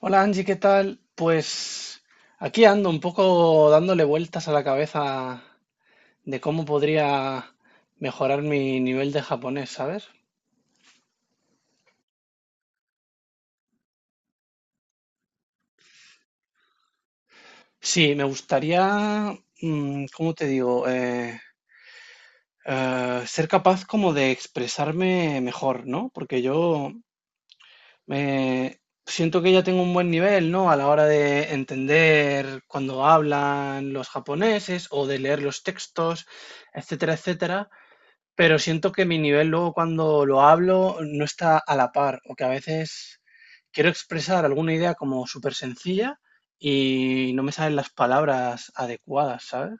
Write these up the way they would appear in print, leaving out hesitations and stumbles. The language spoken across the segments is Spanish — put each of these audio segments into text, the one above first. Hola Angie, ¿qué tal? Pues aquí ando un poco dándole vueltas a la cabeza de cómo podría mejorar mi nivel de japonés, ¿sabes? Sí, me gustaría, ¿cómo te digo? Ser capaz como de expresarme mejor, ¿no? Porque yo me siento que ya tengo un buen nivel, ¿no? A la hora de entender cuando hablan los japoneses o de leer los textos, etcétera, etcétera. Pero siento que mi nivel luego cuando lo hablo no está a la par, o que a veces quiero expresar alguna idea como súper sencilla y no me salen las palabras adecuadas, ¿sabes?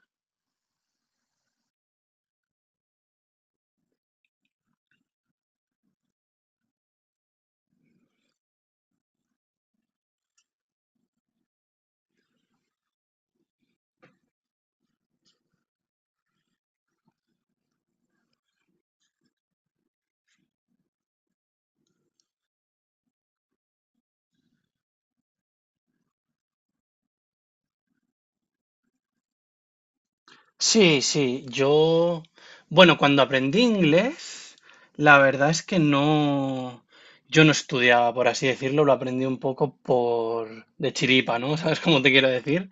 Sí, sí, yo, bueno, cuando aprendí inglés, la verdad es que no, yo no estudiaba, por así decirlo, lo aprendí un poco por de chiripa, ¿no? ¿Sabes cómo te quiero decir?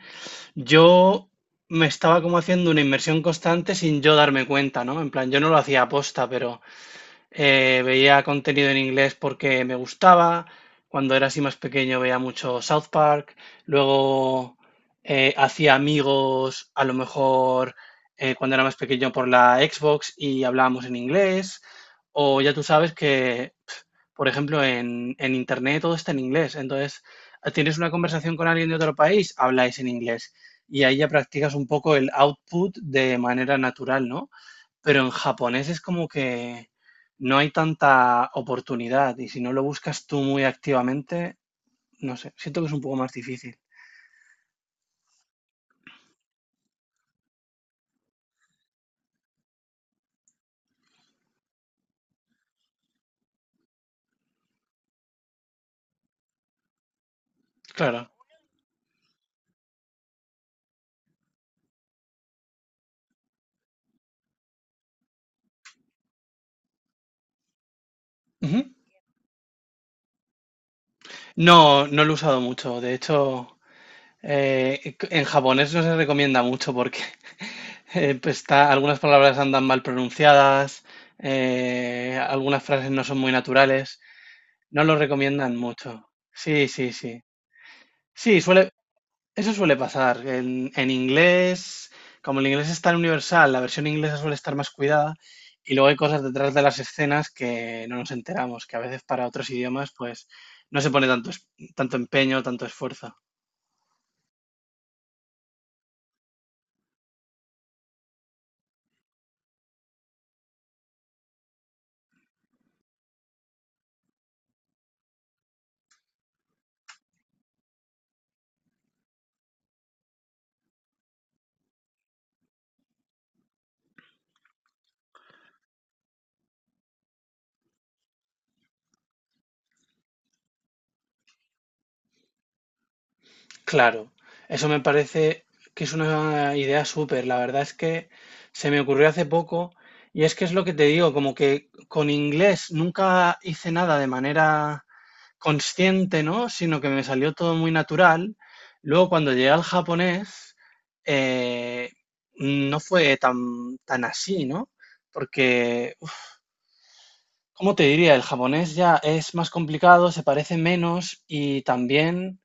Yo me estaba como haciendo una inmersión constante sin yo darme cuenta, ¿no? En plan, yo no lo hacía aposta, pero veía contenido en inglés porque me gustaba. Cuando era así más pequeño veía mucho South Park. Luego hacía amigos, a lo mejor cuando era más pequeño por la Xbox y hablábamos en inglés. O ya tú sabes que por ejemplo, en Internet todo está en inglés. Entonces, ah, tienes una conversación con alguien de otro país, habláis en inglés. Y ahí ya practicas un poco el output de manera natural, ¿no? Pero en japonés es como que no hay tanta oportunidad y si no lo buscas tú muy activamente, no sé, siento que es un poco más difícil. Claro. Ujú. No, no lo he usado mucho. De hecho, en japonés no se recomienda mucho porque pues está, algunas palabras andan mal pronunciadas, algunas frases no son muy naturales. No lo recomiendan mucho. Sí, sí, sí. Sí, eso suele pasar. En inglés, como el inglés es tan universal, la versión inglesa suele estar más cuidada y luego hay cosas detrás de las escenas que no nos enteramos, que a veces para otros idiomas pues no se pone tanto, tanto empeño, tanto esfuerzo. Claro, eso me parece que es una idea súper. La verdad es que se me ocurrió hace poco y es que es lo que te digo, como que con inglés nunca hice nada de manera consciente, ¿no? Sino que me salió todo muy natural. Luego cuando llegué al japonés, eh, no fue tan así, ¿no? Porque, ¿cómo te diría? El japonés ya es más complicado, se parece menos y también...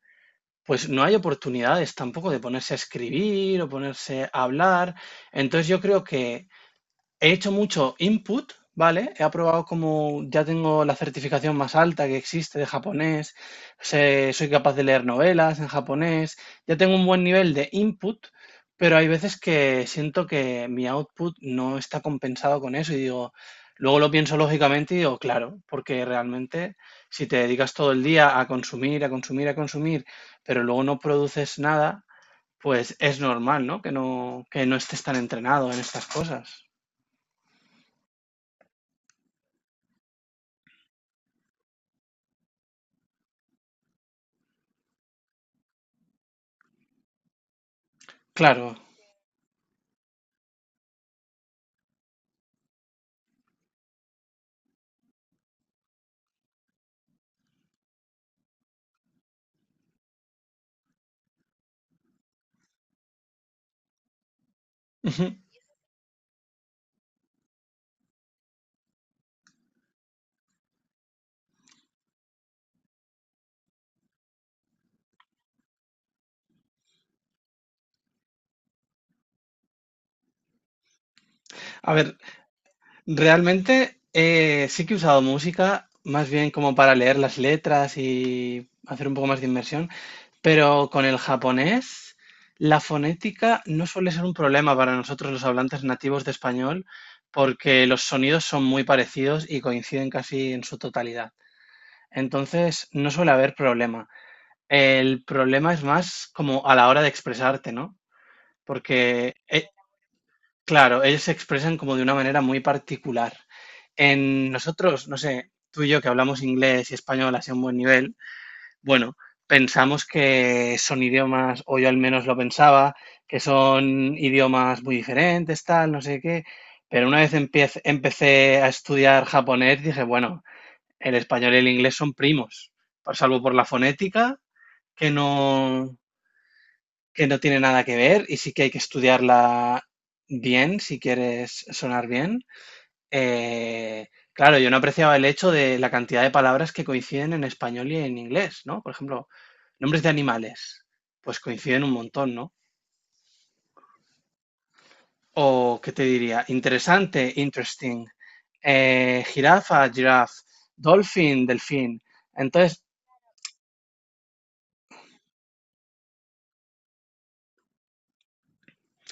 Pues no hay oportunidades tampoco de ponerse a escribir o ponerse a hablar. Entonces yo creo que he hecho mucho input, ¿vale? He aprobado como ya tengo la certificación más alta que existe de japonés, soy capaz de leer novelas en japonés, ya tengo un buen nivel de input, pero hay veces que siento que mi output no está compensado con eso y digo, luego lo pienso lógicamente y digo, claro, porque realmente si te dedicas todo el día a consumir, a consumir, a consumir, pero luego no produces nada, pues es normal, ¿no? Que no estés tan entrenado en estas cosas. Claro, ujú. A ver, realmente sí que he usado música más bien como para leer las letras y hacer un poco más de inmersión, pero con el japonés la fonética no suele ser un problema para nosotros los hablantes nativos de español porque los sonidos son muy parecidos y coinciden casi en su totalidad. Entonces no suele haber problema. El problema es más como a la hora de expresarte, ¿no? Porque e- Claro, ellos se expresan como de una manera muy particular. En nosotros, no sé, tú y yo que hablamos inglés y español así a un buen nivel, bueno, pensamos que son idiomas, o yo al menos lo pensaba, que son idiomas muy diferentes, tal, no sé qué. Pero una vez empecé a estudiar japonés, dije, bueno, el español y el inglés son primos, salvo por la fonética, que no, que no tiene nada que ver y sí que hay que estudiarla bien si quieres sonar bien. Eh, claro, yo no apreciaba el hecho de la cantidad de palabras que coinciden en español y en inglés, ¿no? Por ejemplo, nombres de animales, pues coinciden un montón, ¿no? O, ¿qué te diría? Interesante, interesting. Eh, jirafa, giraffe. Dolphin, delfín. Entonces,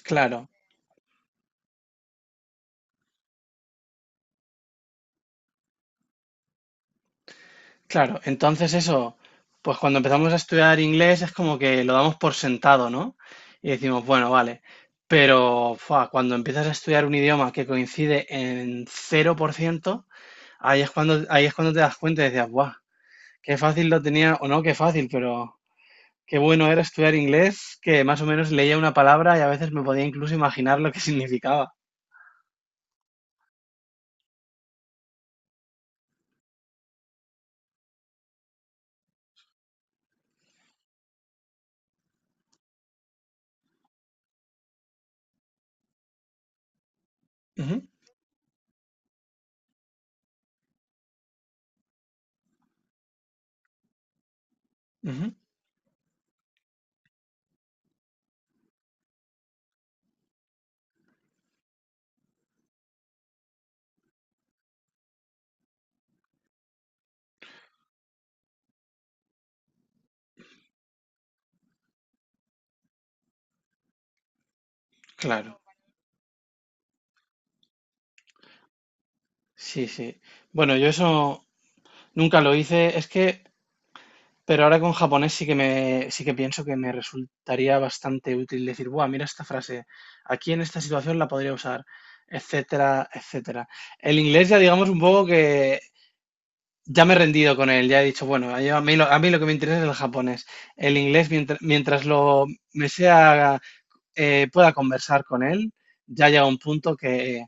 claro, claro, entonces eso, pues cuando empezamos a estudiar inglés es como que lo damos por sentado, ¿no? Y decimos, bueno, vale, pero fua, cuando empiezas a estudiar un idioma que coincide en 0%, ahí es cuando te das cuenta y decías, guau, qué fácil lo tenía, o no, qué fácil, pero qué bueno era estudiar inglés, que más o menos leía una palabra y a veces me podía incluso imaginar lo que significaba. Ujú, ujú, claro, sí, sí. Bueno, yo eso nunca lo hice, es que... Pero ahora con japonés sí que pienso que me resultaría bastante útil decir, buah, mira esta frase, aquí en esta situación la podría usar, etcétera, etcétera. El inglés ya digamos un poco que ya me he rendido con él, ya he dicho, bueno, a mí lo que me interesa es el japonés. El inglés, mientras lo me sea, pueda conversar con él, ya llega un punto que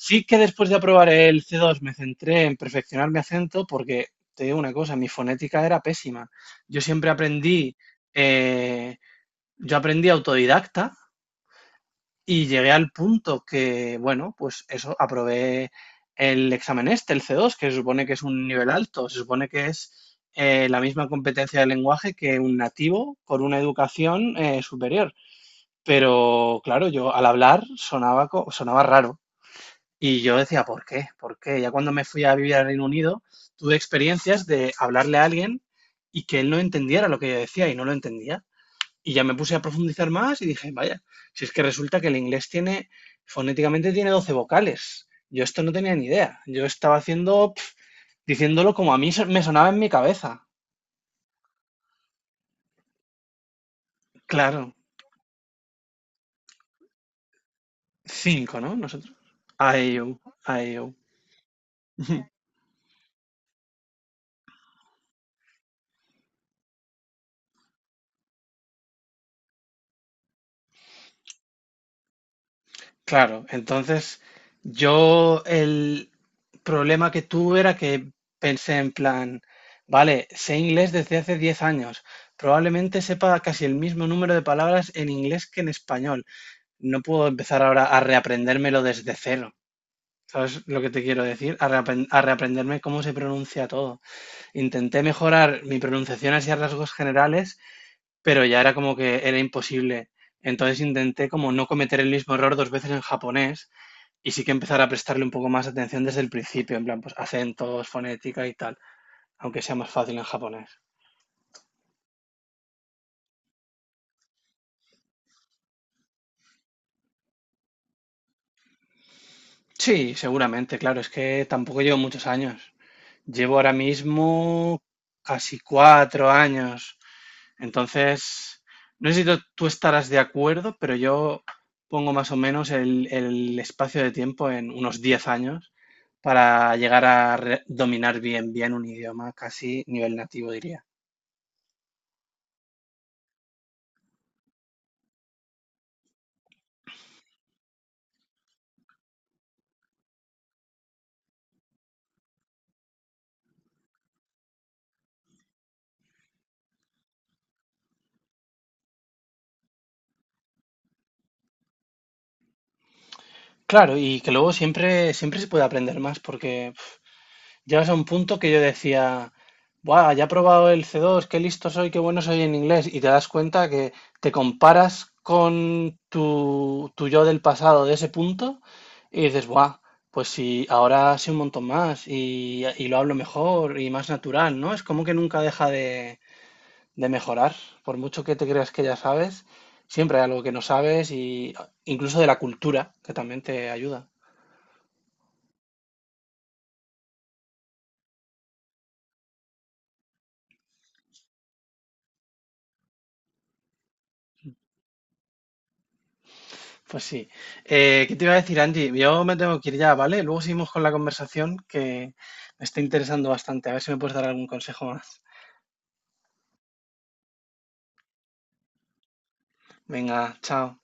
sí que después de aprobar el C2 me centré en perfeccionar mi acento porque, te digo una cosa, mi fonética era pésima. Yo siempre aprendí, eh, yo aprendí autodidacta y llegué al punto que, bueno, pues eso, aprobé el examen este, el C2, que se supone que es un nivel alto, se supone que es la misma competencia de lenguaje que un nativo con una educación superior. Pero claro, yo al hablar sonaba raro. Y yo decía, ¿por qué? ¿Por qué? Ya cuando me fui a vivir al Reino Unido, tuve experiencias de hablarle a alguien y que él no entendiera lo que yo decía y no lo entendía. Y ya me puse a profundizar más y dije, vaya, si es que resulta que el inglés tiene, fonéticamente tiene 12 vocales. Yo esto no tenía ni idea. Yo estaba haciendo, pf, diciéndolo como a mí me sonaba en mi cabeza. Claro, cinco, ¿no? Nosotros. IU, IU. Claro, entonces yo el problema que tuve era que pensé en plan, vale, sé inglés desde hace 10 años, probablemente sepa casi el mismo número de palabras en inglés que en español. No puedo empezar ahora a reaprendérmelo desde cero. ¿Sabes lo que te quiero decir? A reaprenderme cómo se pronuncia todo. Intenté mejorar mi pronunciación hacia rasgos generales, pero ya era como que era imposible. Entonces intenté como no cometer el mismo error dos veces en japonés y sí que empezar a prestarle un poco más atención desde el principio, en plan, pues acentos, fonética y tal, aunque sea más fácil en japonés. Sí, seguramente, claro, es que tampoco llevo muchos años. Llevo ahora mismo casi 4 años. Entonces, no sé si tú estarás de acuerdo, pero yo pongo más o menos el espacio de tiempo en unos 10 años para llegar a dominar bien, bien un idioma, casi nivel nativo, diría. Claro, y que luego siempre, siempre se puede aprender más, porque pf, llegas a un punto que yo decía, buah, ya he probado el C2, qué listo soy, qué bueno soy en inglés, y te das cuenta que te comparas con tu yo del pasado de ese punto y dices, buah, pues sí, ahora sé un montón más y lo hablo mejor y más natural, ¿no? Es como que nunca deja de mejorar, por mucho que te creas que ya sabes, siempre hay algo que no sabes y ah, incluso de la cultura, que también te ayuda. Pues sí. ¿Qué te iba a decir, Angie? Yo me tengo que ir ya, ¿vale? Luego seguimos con la conversación que me está interesando bastante. A ver si me puedes dar algún consejo más. Venga, chao.